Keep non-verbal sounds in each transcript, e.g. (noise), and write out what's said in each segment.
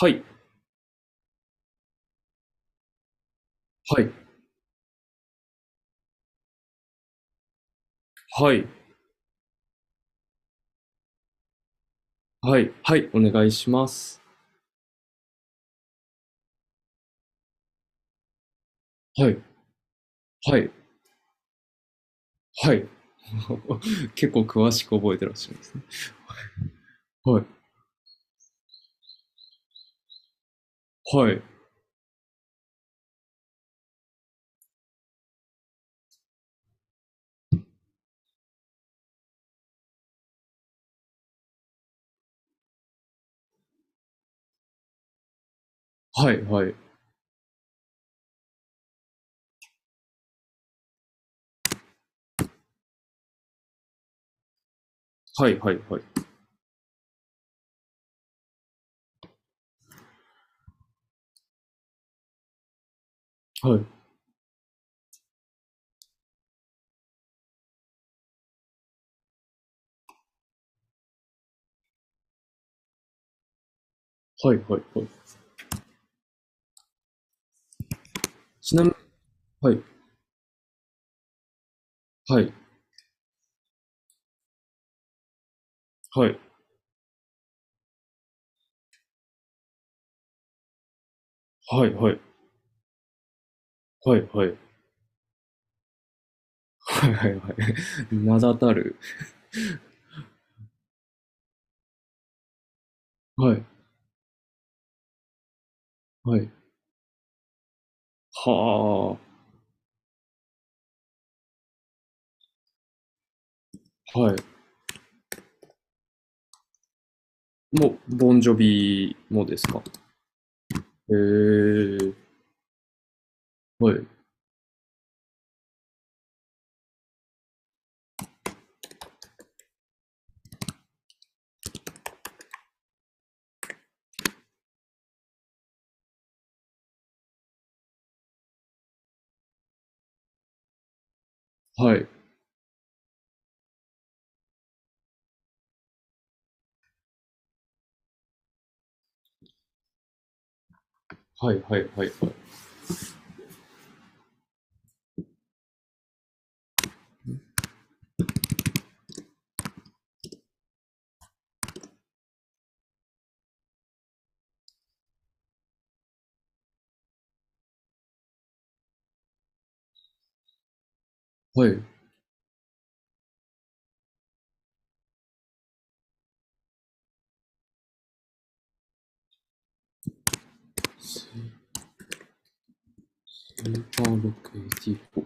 はい、はい、はい、はい、はい、お願いします。はい、はい、はい。(laughs) 結構詳しく覚えてらっしゃいますね。はい、はい、はい、はい、はい、はい、はい、はい、はい、はい、はい。ちなみに、はい、はい、はい、はい、はい、はい、はい、はい、はい、はい。(laughs) 名だたる。はい、はい、はあ、はい。もう、ボンジョビもですか。へえー、はい、はい、はい、はい、はい、はい。はい。スーパーロック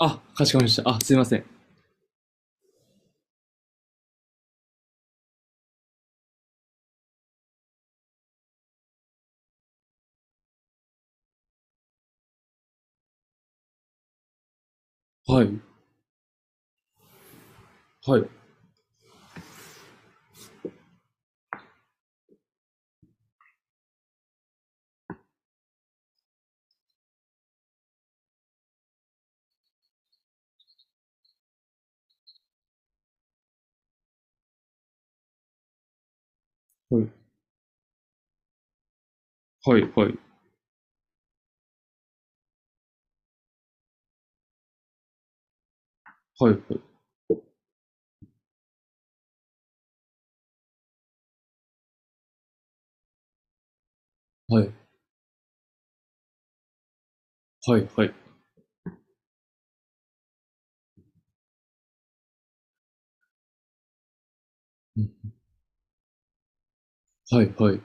あ、かしこまりました。あ、すいません。はい。はい。はい。はい。はい。はい。はい。はい。はい。はい。はい。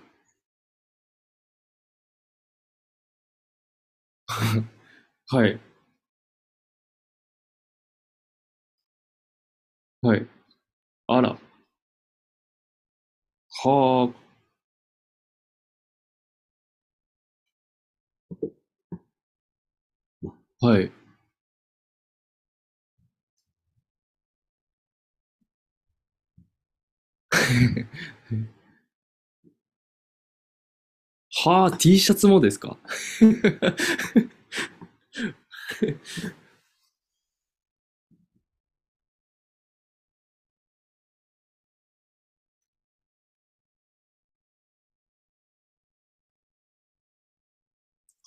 はい。はい。あら。はあ。はい。はあ、T シャツもですか？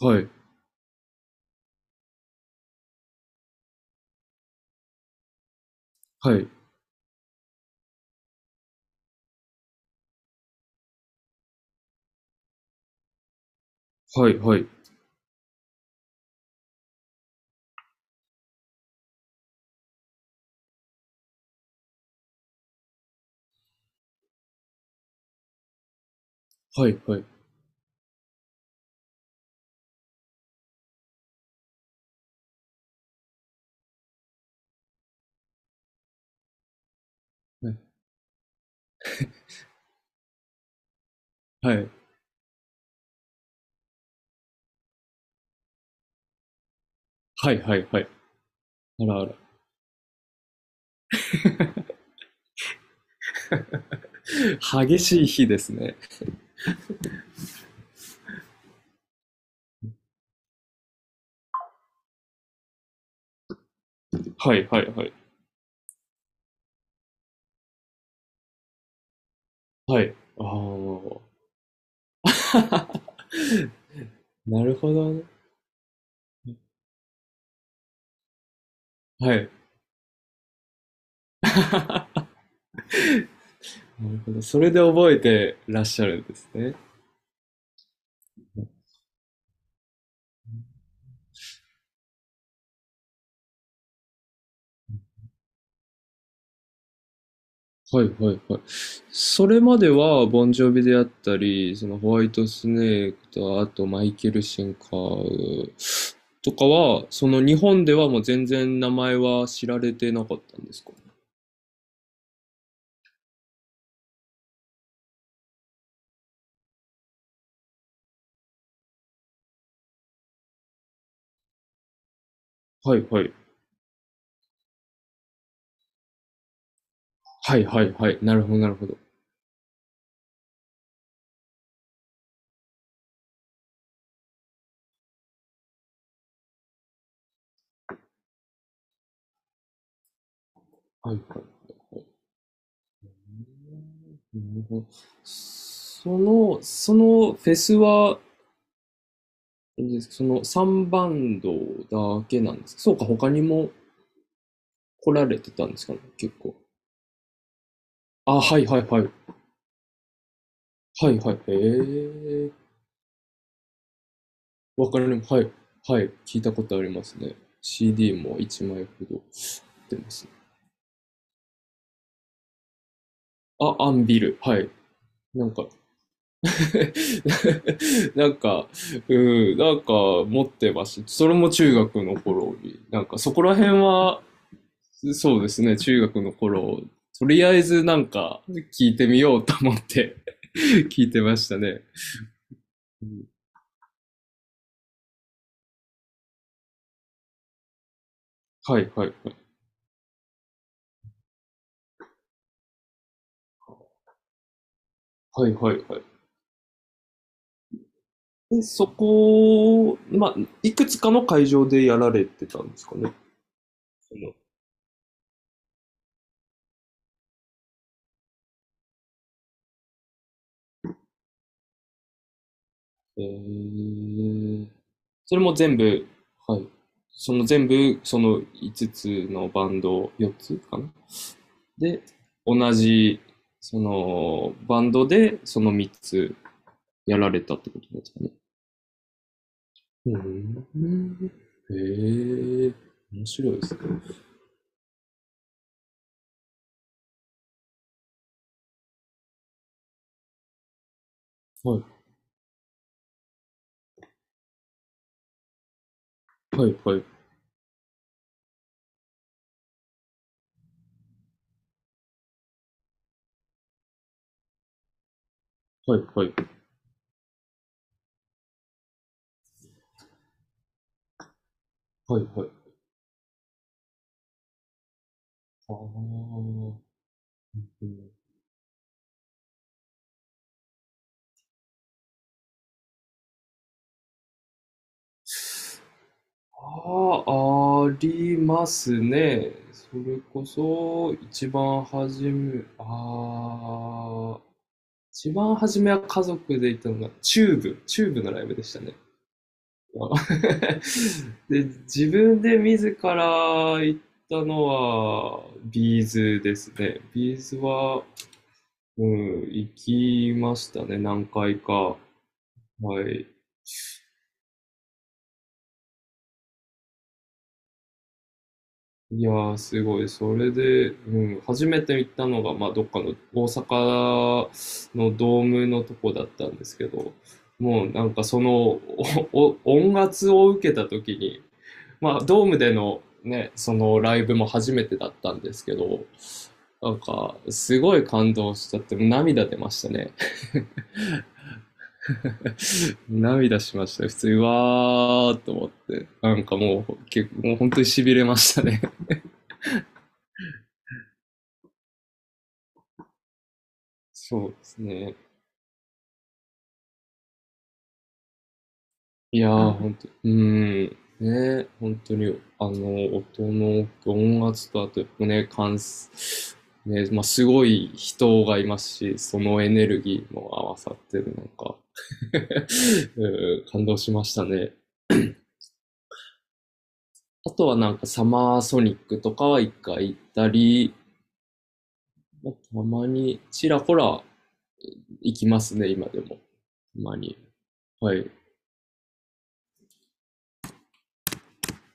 はい。はい。はい。はい。はい。はい。はい。はい。はい。はい。あらあら。激しい日ですね。はい。はい。はい。はい。ああ。なるほどね。はい。なるほど。それで覚えてらっしゃるんですね。はいはいはい。それまでは、ボンジョビであったり、そのホワイトスネークと、あとマイケル・シンカーとかは、その日本ではもう全然名前は知られてなかったんですか？はいはい。はいはいはい。なるほどなるほど。はいはい。なるほど。そのフェスは、あれですか、その3バンドだけなんですか？そうか、他にも来られてたんですかね、結構。あ、はいはいはい。はいはい。へえ。わかります。はい。はい。聞いたことありますね。CD も1枚ほど売ってますね。あ、アンビル。はい。なんか、(laughs) なんか、うん、なんか持ってました。それも中学の頃に。なんかそこら辺は、そうですね、中学の頃、とりあえずなんか聞いてみようと思って (laughs) 聞いてましたね。うん、はいはいはい。はいはいはい。で、そこ、まあ、いくつかの会場でやられてたんですかね。そのえー、それも全部、はい。その全部、その5つつのバンド、4つかなで、同じ、その、バンドで、その3つやられたってことですかね。うん。へえ、面白いですね。はい、はい、はい、はい、はい、はい、はい。あ、ありますね。それこそ、一番初めは家族で行ったのが、チューブのライブでしたね。(laughs) で、自分で自ら行ったのは、ビーズですね。ビーズは、うん、行きましたね、何回か。はい。いやー、すごい。それで、うん、初めて行ったのが、まあ、どっかの大阪のドームのとこだったんですけど、もうなんかその音圧を受けた時に、まあ、ドームでのね、そのライブも初めてだったんですけど、なんか、すごい感動しちゃって、涙出ましたね。(laughs) 涙しました。普通に、うわーっと思って。なんかもう、結構、もう本当に痺れましたね。(laughs) そうですね。いやー、本当に、うん。ね、本当に、あの、音の音圧と、あと、ね、ね、まあ、すごい人がいますし、そのエネルギーも合わさってる、なんか、(laughs) うん感動しましたね。あとはなんかサマーソニックとかは1回行ったり、まあたまにちらほら行きますね、今でも。たまに。はい。